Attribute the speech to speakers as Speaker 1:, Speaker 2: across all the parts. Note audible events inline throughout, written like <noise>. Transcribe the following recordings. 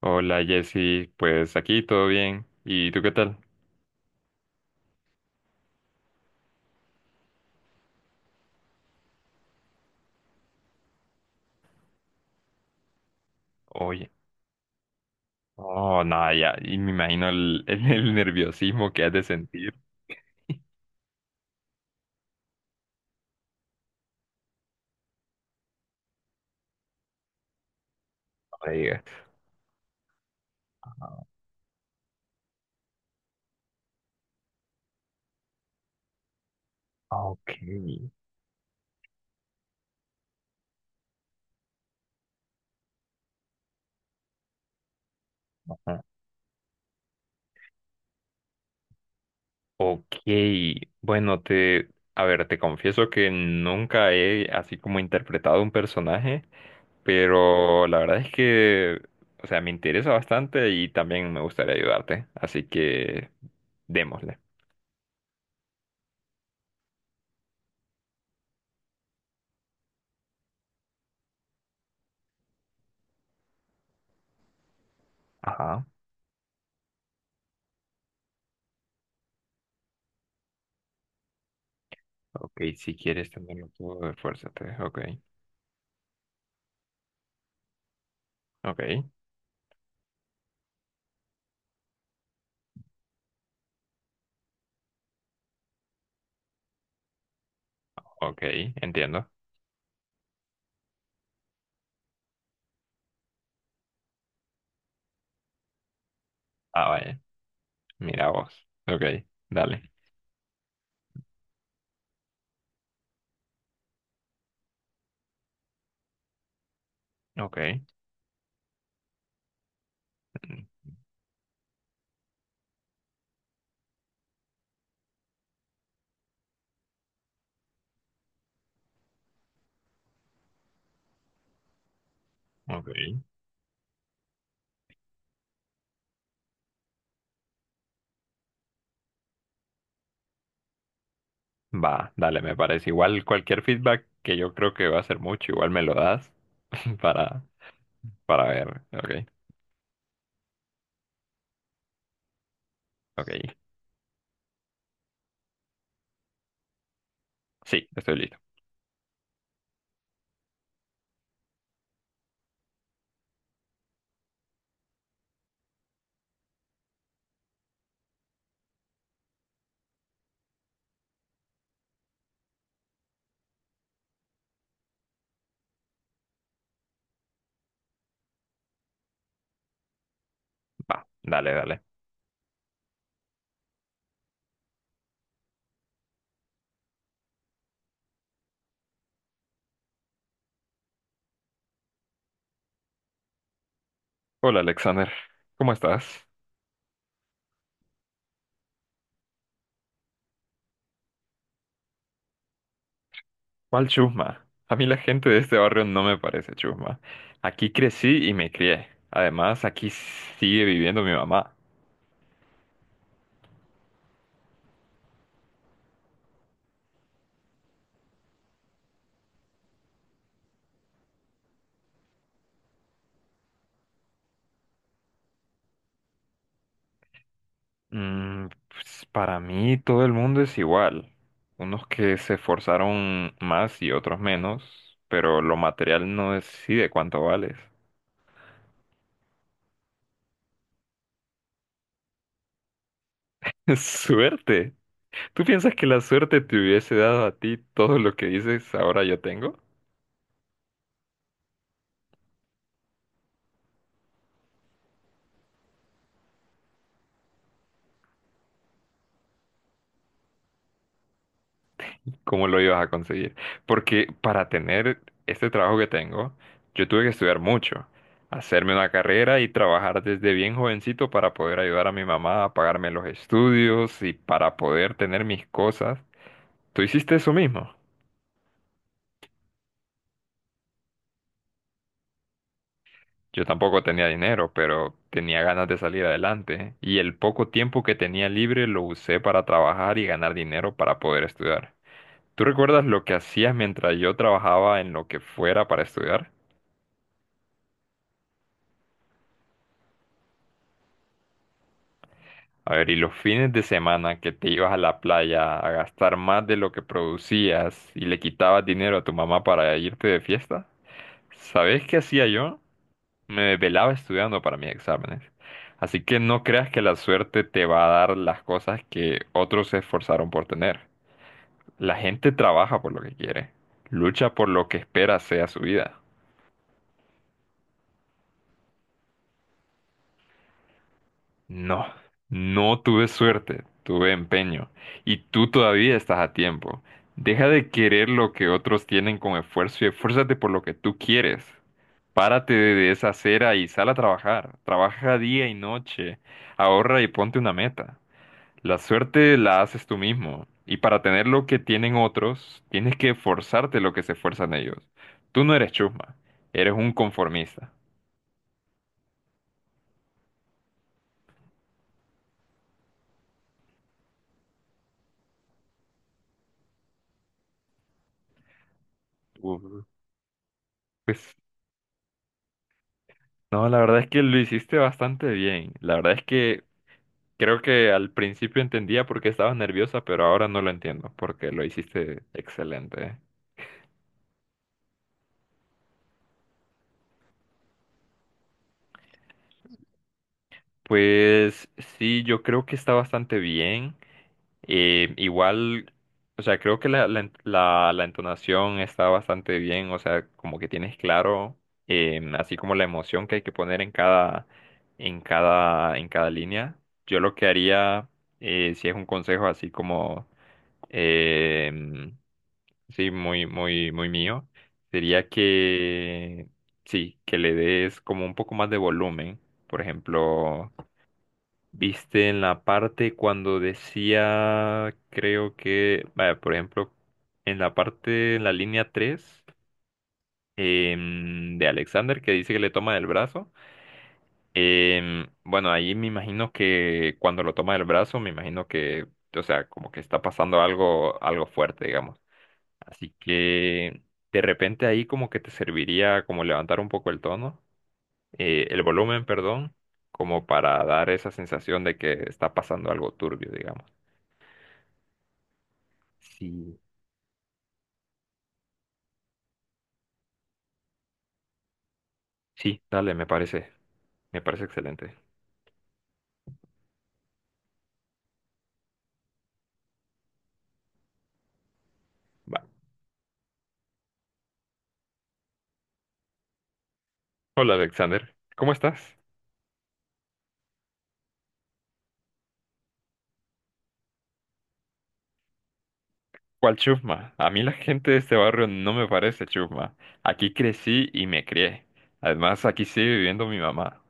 Speaker 1: Hola Jessy, pues aquí todo bien. ¿Y tú qué tal? Oye, oh, nada, ya, y me imagino <laughs> nerviosismo que has de sentir. No me digas. Ah, ok, ajá. Ok, bueno, a ver, te confieso que nunca he así como interpretado un personaje, pero la verdad es que, o sea, me interesa bastante y también me gustaría ayudarte, así que démosle. Ajá, ok, si quieres tenerlo todo, esfuérzate, ok, ok. Ok, entiendo. Ah, vaya. Mira vos. Ok, dale. Ok, mm, ok. Va, dale, me parece. Igual cualquier feedback que yo creo que va a ser mucho, igual me lo das <laughs> para, para ver. Ok, ok. Sí, estoy listo. Va, dale, dale. Hola, Alexander. ¿Cómo estás? ¿Cuál chusma? A mí la gente de este barrio no me parece chusma. Aquí crecí y me crié. Además, aquí sigue viviendo mi mamá. Mm, pues, para mí todo el mundo es igual. Unos que se esforzaron más y otros menos, pero lo material no decide cuánto vales. <laughs> Suerte. ¿Tú piensas que la suerte te hubiese dado a ti todo lo que dices ahora yo tengo? ¿Cómo lo ibas a conseguir? Porque para tener este trabajo que tengo, yo tuve que estudiar mucho, hacerme una carrera y trabajar desde bien jovencito para poder ayudar a mi mamá a pagarme los estudios y para poder tener mis cosas. Tú hiciste eso mismo. Yo tampoco tenía dinero, pero tenía ganas de salir adelante, ¿eh? Y el poco tiempo que tenía libre lo usé para trabajar y ganar dinero para poder estudiar. ¿Tú recuerdas lo que hacías mientras yo trabajaba en lo que fuera para estudiar? A ver, ¿y los fines de semana que te ibas a la playa a gastar más de lo que producías y le quitabas dinero a tu mamá para irte de fiesta? ¿Sabes qué hacía yo? Me desvelaba estudiando para mis exámenes. Así que no creas que la suerte te va a dar las cosas que otros se esforzaron por tener. La gente trabaja por lo que quiere, lucha por lo que espera sea su vida. No, no tuve suerte, tuve empeño. Y tú todavía estás a tiempo. Deja de querer lo que otros tienen con esfuerzo y esfuérzate por lo que tú quieres. Párate de esa acera y sal a trabajar. Trabaja día y noche. Ahorra y ponte una meta. La suerte la haces tú mismo, y para tener lo que tienen otros, tienes que forzarte lo que se esfuerzan ellos. Tú no eres chusma, eres un conformista. Ujú. Pues no, la verdad es que lo hiciste bastante bien. La verdad es que creo que al principio entendía por qué estabas nerviosa, pero ahora no lo entiendo, porque lo hiciste excelente, ¿eh? Pues sí, yo creo que está bastante bien. Eh, igual, o sea, creo que la entonación está bastante bien, o sea, como que tienes claro, así como la emoción que hay que poner en cada línea. Yo lo que haría, si es un consejo así como, em, sí, muy, muy, muy mío, sería que, sí, que le des como un poco más de volumen, por ejemplo. Viste en la parte cuando decía, creo que, vaya, por ejemplo, en la línea tres, de Alexander que dice que le toma del brazo. Em, bueno, ahí me imagino que cuando lo toma del brazo, me imagino o sea, como que está pasando algo, algo fuerte, digamos. Así que de repente ahí como que te serviría como levantar un poco el tono, el volumen, perdón, como para dar esa sensación de que está pasando algo turbio, digamos. Sí, sí, dale, me parece excelente. Va. Hola, Alexander, ¿cómo estás? ¿Cuál chusma? A mí la gente de este barrio no me parece chusma. Aquí crecí y me crié. Además, aquí sigue viviendo mi mamá.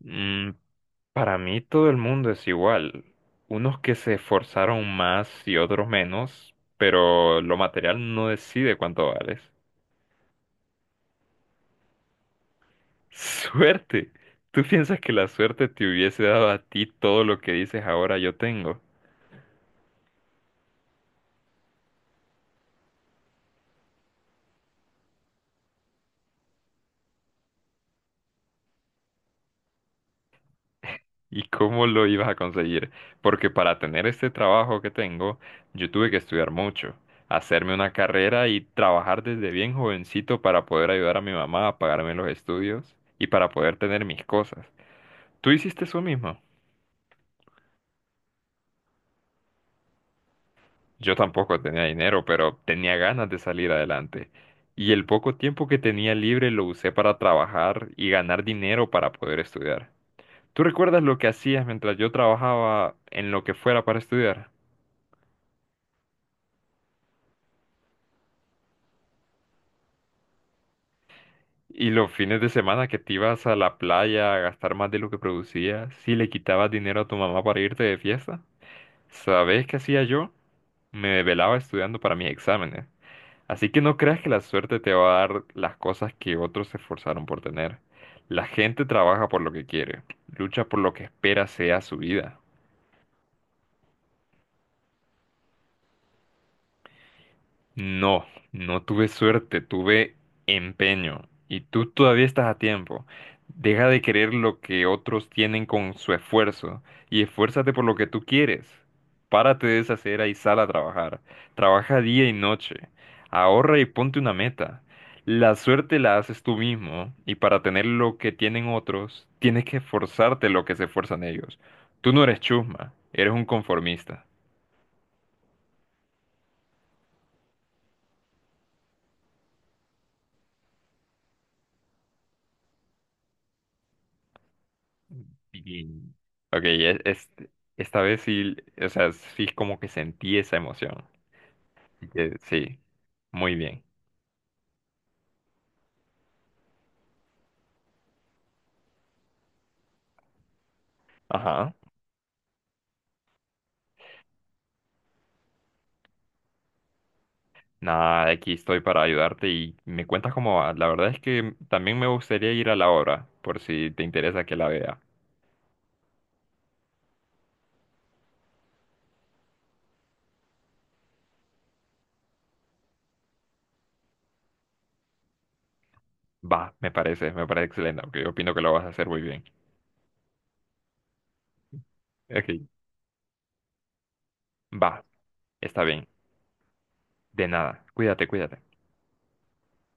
Speaker 1: Mm, para mí todo el mundo es igual. Unos que se esforzaron más y otros menos, pero lo material no decide cuánto vales. <laughs> Suerte. ¿Tú piensas que la suerte te hubiese dado a ti todo lo que dices ahora yo tengo? ¿Y cómo lo ibas a conseguir? Porque para tener este trabajo que tengo, yo tuve que estudiar mucho, hacerme una carrera y trabajar desde bien jovencito para poder ayudar a mi mamá a pagarme los estudios y para poder tener mis cosas. ¿Tú hiciste eso mismo? Yo tampoco tenía dinero, pero tenía ganas de salir adelante. Y el poco tiempo que tenía libre lo usé para trabajar y ganar dinero para poder estudiar. ¿Tú recuerdas lo que hacías mientras yo trabajaba en lo que fuera para estudiar? ¿Y los fines de semana que te ibas a la playa a gastar más de lo que producías, si le quitabas dinero a tu mamá para irte de fiesta, sabes qué hacía yo? Me desvelaba estudiando para mis exámenes. Así que no creas que la suerte te va a dar las cosas que otros se esforzaron por tener. La gente trabaja por lo que quiere, lucha por lo que espera sea su vida. No, no tuve suerte, tuve empeño. Y tú todavía estás a tiempo. Deja de querer lo que otros tienen con su esfuerzo y esfuérzate por lo que tú quieres. Párate de esa cera y sal a trabajar. Trabaja día y noche. Ahorra y ponte una meta. La suerte la haces tú mismo y para tener lo que tienen otros, tienes que esforzarte lo que se esfuerzan ellos. Tú no eres chusma, eres un conformista. Y- Ok, e- es- Esta vez sí, o sea, sí como que sentí esa emoción. Así que sí, muy bien. Ajá. Nada, aquí estoy para ayudarte y me cuentas cómo va. La verdad es que también me gustaría ir a la obra, por si te interesa que la vea. Va, me parece excelente, aunque yo opino que lo vas a hacer muy bien. Ok, va, está bien. De nada, cuídate, cuídate.